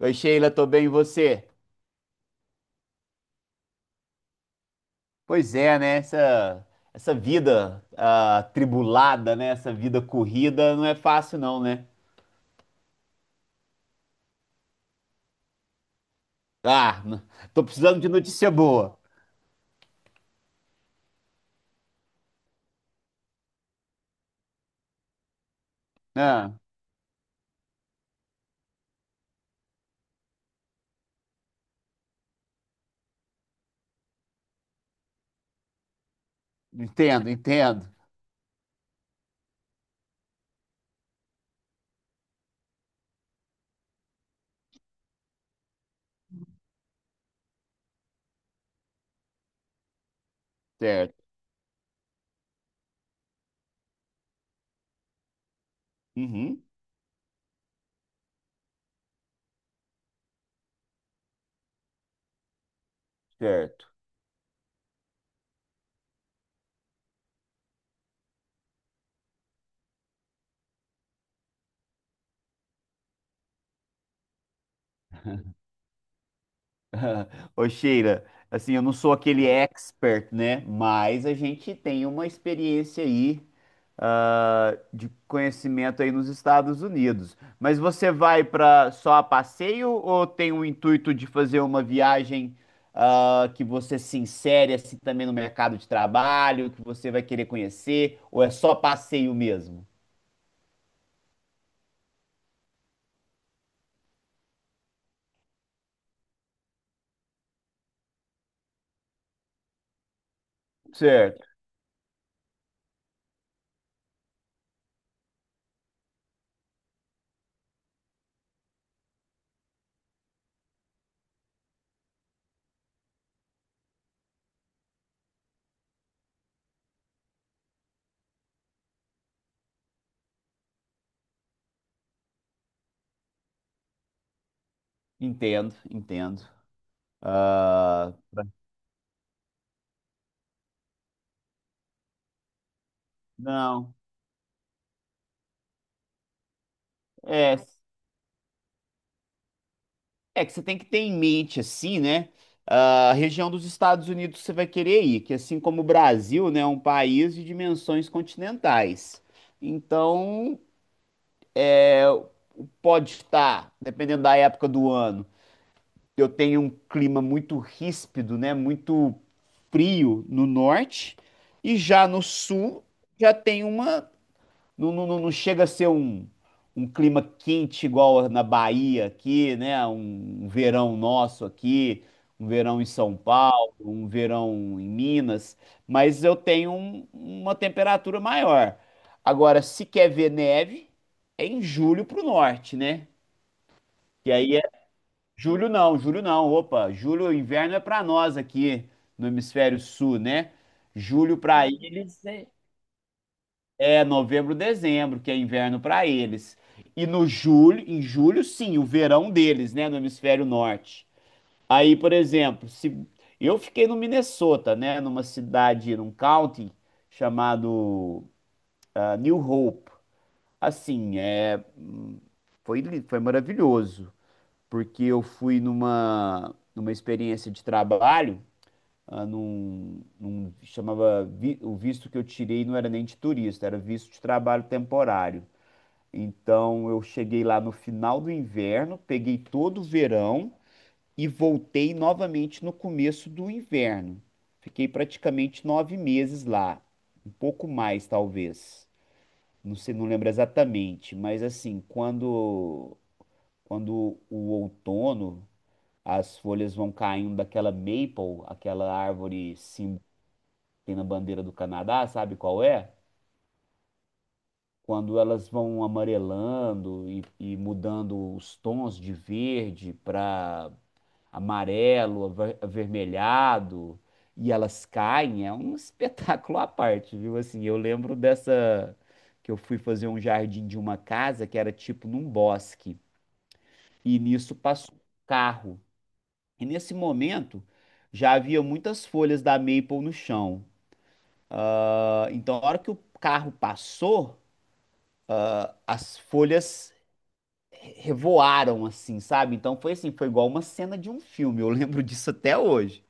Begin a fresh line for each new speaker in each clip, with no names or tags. Oi, Sheila, tô bem, e você? Pois é, né? Essa vida tribulada, né? Essa vida corrida não é fácil, não, né? Ah, tô precisando de notícia boa. Ah, entendo, entendo. Certo. Uhum, certo. Ô, Sheila, assim, eu não sou aquele expert, né? Mas a gente tem uma experiência aí, de conhecimento aí nos Estados Unidos. Mas você vai para só a passeio ou tem o intuito de fazer uma viagem, que você se insere assim também no mercado de trabalho, que você vai querer conhecer, ou é só passeio mesmo? Certo. Entendo, entendo. Ah, não. É. É que você tem que ter em mente, assim, né? A região dos Estados Unidos que você vai querer ir, que assim como o Brasil, né, é um país de dimensões continentais. Então, é, pode estar, dependendo da época do ano, eu tenho um clima muito ríspido, né? Muito frio no norte, e já no sul já tem uma não, não, não chega a ser um clima quente igual na Bahia aqui, né? Um verão nosso aqui, um verão em São Paulo, um verão em Minas, mas eu tenho uma temperatura maior. Agora, se quer ver neve, é em julho pro norte, né? Que aí é julho não, opa, julho inverno é pra nós aqui no hemisfério sul, né? Julho pra aí é novembro, dezembro, que é inverno para eles. E no julho, em julho, sim, o verão deles, né, no hemisfério norte. Aí, por exemplo, se eu fiquei no Minnesota, né, numa cidade, num county chamado New Hope. Assim, foi maravilhoso, porque eu fui numa experiência de trabalho, o visto que eu tirei não era nem de turista, era visto de trabalho temporário. Então eu cheguei lá no final do inverno, peguei todo o verão e voltei novamente no começo do inverno. Fiquei praticamente 9 meses lá, um pouco mais talvez. Não sei, não lembro exatamente, mas assim, quando o outono, as folhas vão caindo daquela maple, aquela árvore símbolo que tem na bandeira do Canadá, sabe qual é? Quando elas vão amarelando e mudando os tons de verde para amarelo, avermelhado, e elas caem, é um espetáculo à parte, viu? Assim, eu lembro dessa que eu fui fazer um jardim de uma casa que era tipo num bosque, e nisso passou um carro. E nesse momento já havia muitas folhas da maple no chão. Ah, então, a hora que o carro passou, as folhas revoaram assim, sabe? Então foi assim, foi igual uma cena de um filme. Eu lembro disso até hoje.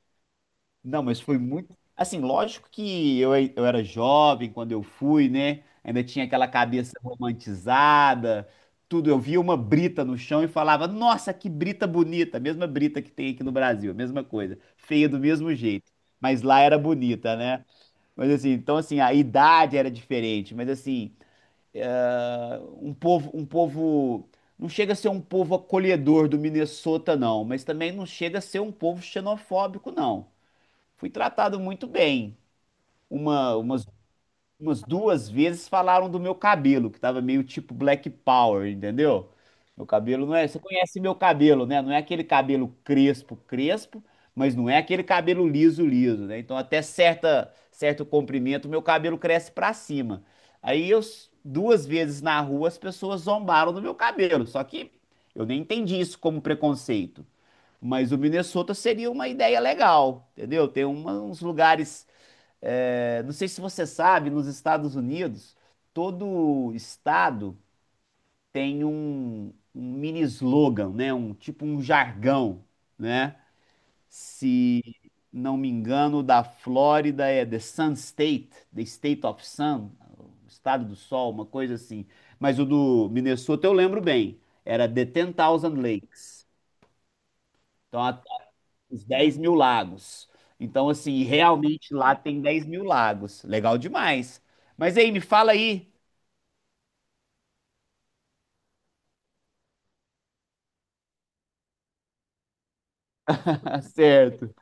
Não, mas foi muito. Assim, lógico que eu era jovem quando eu fui, né? Ainda tinha aquela cabeça romantizada, tudo. Eu via uma brita no chão e falava: Nossa, que brita bonita! A mesma brita que tem aqui no Brasil, a mesma coisa. Feia do mesmo jeito. Mas lá era bonita, né? Mas assim, então assim, a idade era diferente, mas assim um povo, não chega a ser um povo acolhedor do Minnesota, não, mas também não chega a ser um povo xenofóbico, não. Fui tratado muito bem. Uma, uma umas duas vezes falaram do meu cabelo, que tava meio tipo Black Power, entendeu? Meu cabelo não é. Você conhece meu cabelo, né? Não é aquele cabelo crespo, crespo, mas não é aquele cabelo liso, liso, né? Então, até certo comprimento, meu cabelo cresce pra cima. Aí, duas vezes na rua, as pessoas zombaram do meu cabelo. Só que eu nem entendi isso como preconceito. Mas o Minnesota seria uma ideia legal, entendeu? Tem uns lugares não sei se você sabe, nos Estados Unidos, todo estado tem um mini slogan, né? Um tipo um jargão, né? Se não me engano, o da Flórida é The Sun State, The State of Sun, o estado do sol, uma coisa assim. Mas o do Minnesota eu lembro bem, era The Ten Thousand Lakes. Então, a os 10 mil lagos. Então, assim, realmente lá tem 10 mil lagos. Legal demais. Mas aí, me fala aí. Certo.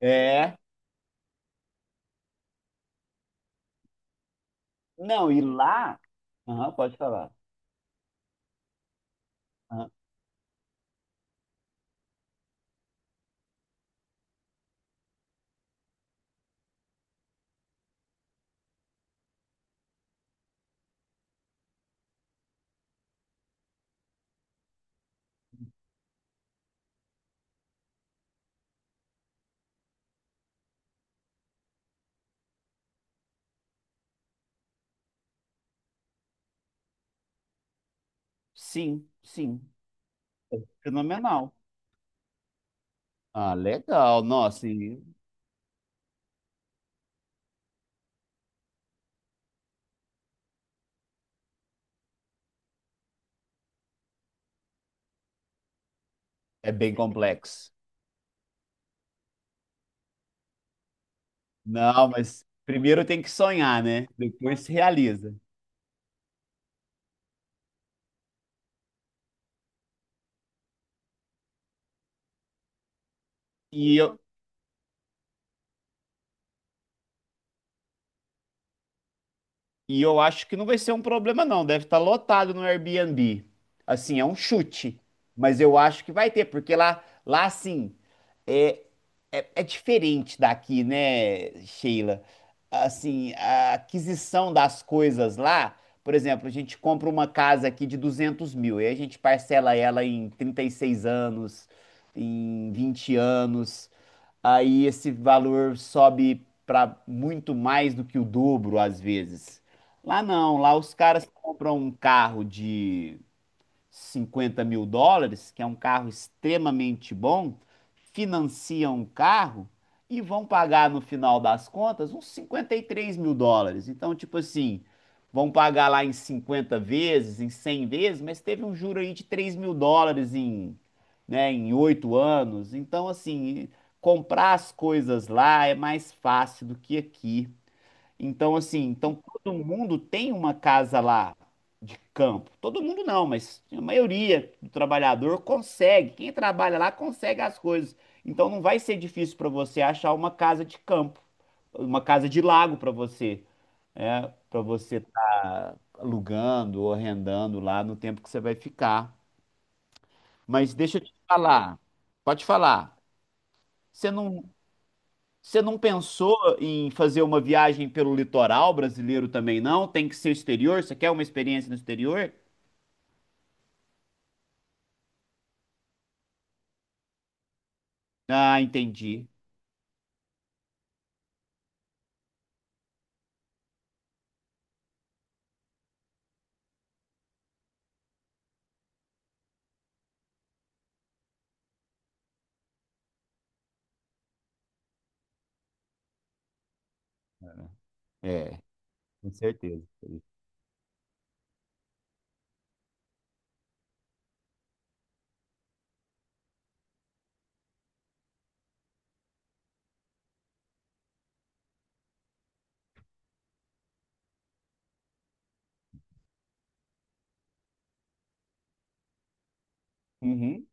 É. Não, e lá. Aham, pode falar. Aham. Sim, sim. Fenomenal. Ah, legal. Nossa, e é bem complexo. Não, mas primeiro tem que sonhar, né? Depois se realiza. E eu, E eu acho que não vai ser um problema, não. Deve estar lotado no Airbnb. Assim, é um chute. Mas eu acho que vai ter, porque lá assim, é, é diferente daqui, né, Sheila? Assim, a aquisição das coisas lá, por exemplo, a gente compra uma casa aqui de 200 mil, e aí a gente parcela ela em 36 anos, em 20 anos aí esse valor sobe para muito mais do que o dobro às vezes. Lá não, lá os caras compram um carro de US$ 50 mil, que é um carro extremamente bom, financiam o carro e vão pagar no final das contas uns US$ 53 mil. Então, tipo assim, vão pagar lá em 50 vezes, em 100 vezes, mas teve um juro aí de US$ 3 mil né, em 8 anos. Então, assim, comprar as coisas lá é mais fácil do que aqui. Então, assim, todo mundo tem uma casa lá de campo. Todo mundo não, mas a maioria do trabalhador consegue. Quem trabalha lá consegue as coisas. Então não vai ser difícil para você achar uma casa de campo, uma casa de lago para você, né? Para você estar alugando ou arrendando lá no tempo que você vai ficar. Mas deixa eu te falar, pode falar. Você não, você não pensou em fazer uma viagem pelo litoral brasileiro também, não? Tem que ser exterior? Você quer uma experiência no exterior? Ah, entendi. É, com certeza. Uhum.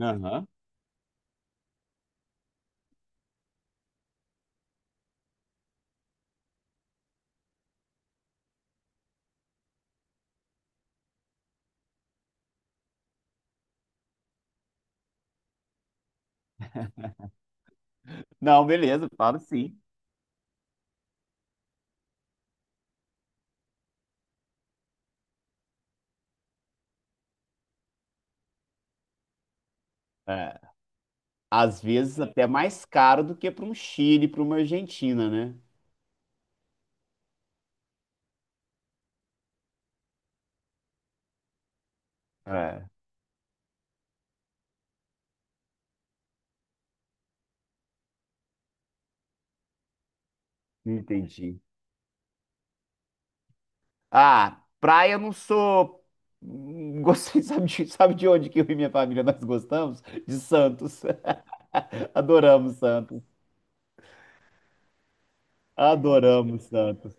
Aham. Não, beleza, falo sim. É, às vezes até mais caro do que para um Chile, para uma Argentina, né? É, entendi. Ah, praia eu não sou. Gostei, sabe de onde que eu e minha família nós gostamos? De Santos. Adoramos Santos. Adoramos Santos.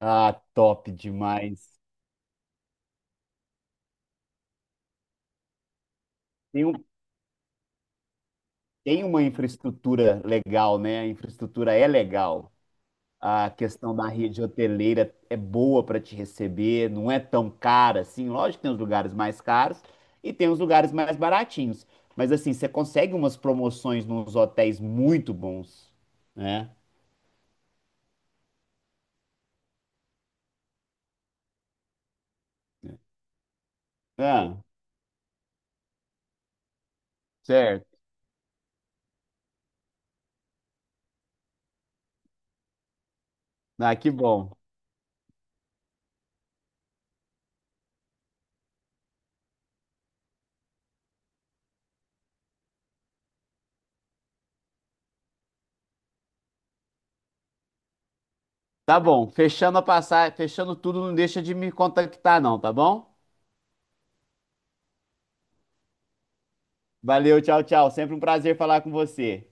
Ah, top demais. Tem, um, tem uma infraestrutura legal, né? A infraestrutura é legal. A questão da rede hoteleira é boa para te receber, não é tão cara assim. Lógico que tem os lugares mais caros e tem os lugares mais baratinhos. Mas assim, você consegue umas promoções nos hotéis muito bons, né? Ah, certo. Ah, que bom. Tá bom. Fechando a passagem, fechando tudo, não deixa de me contactar, não, tá bom? Valeu, tchau, tchau. Sempre um prazer falar com você.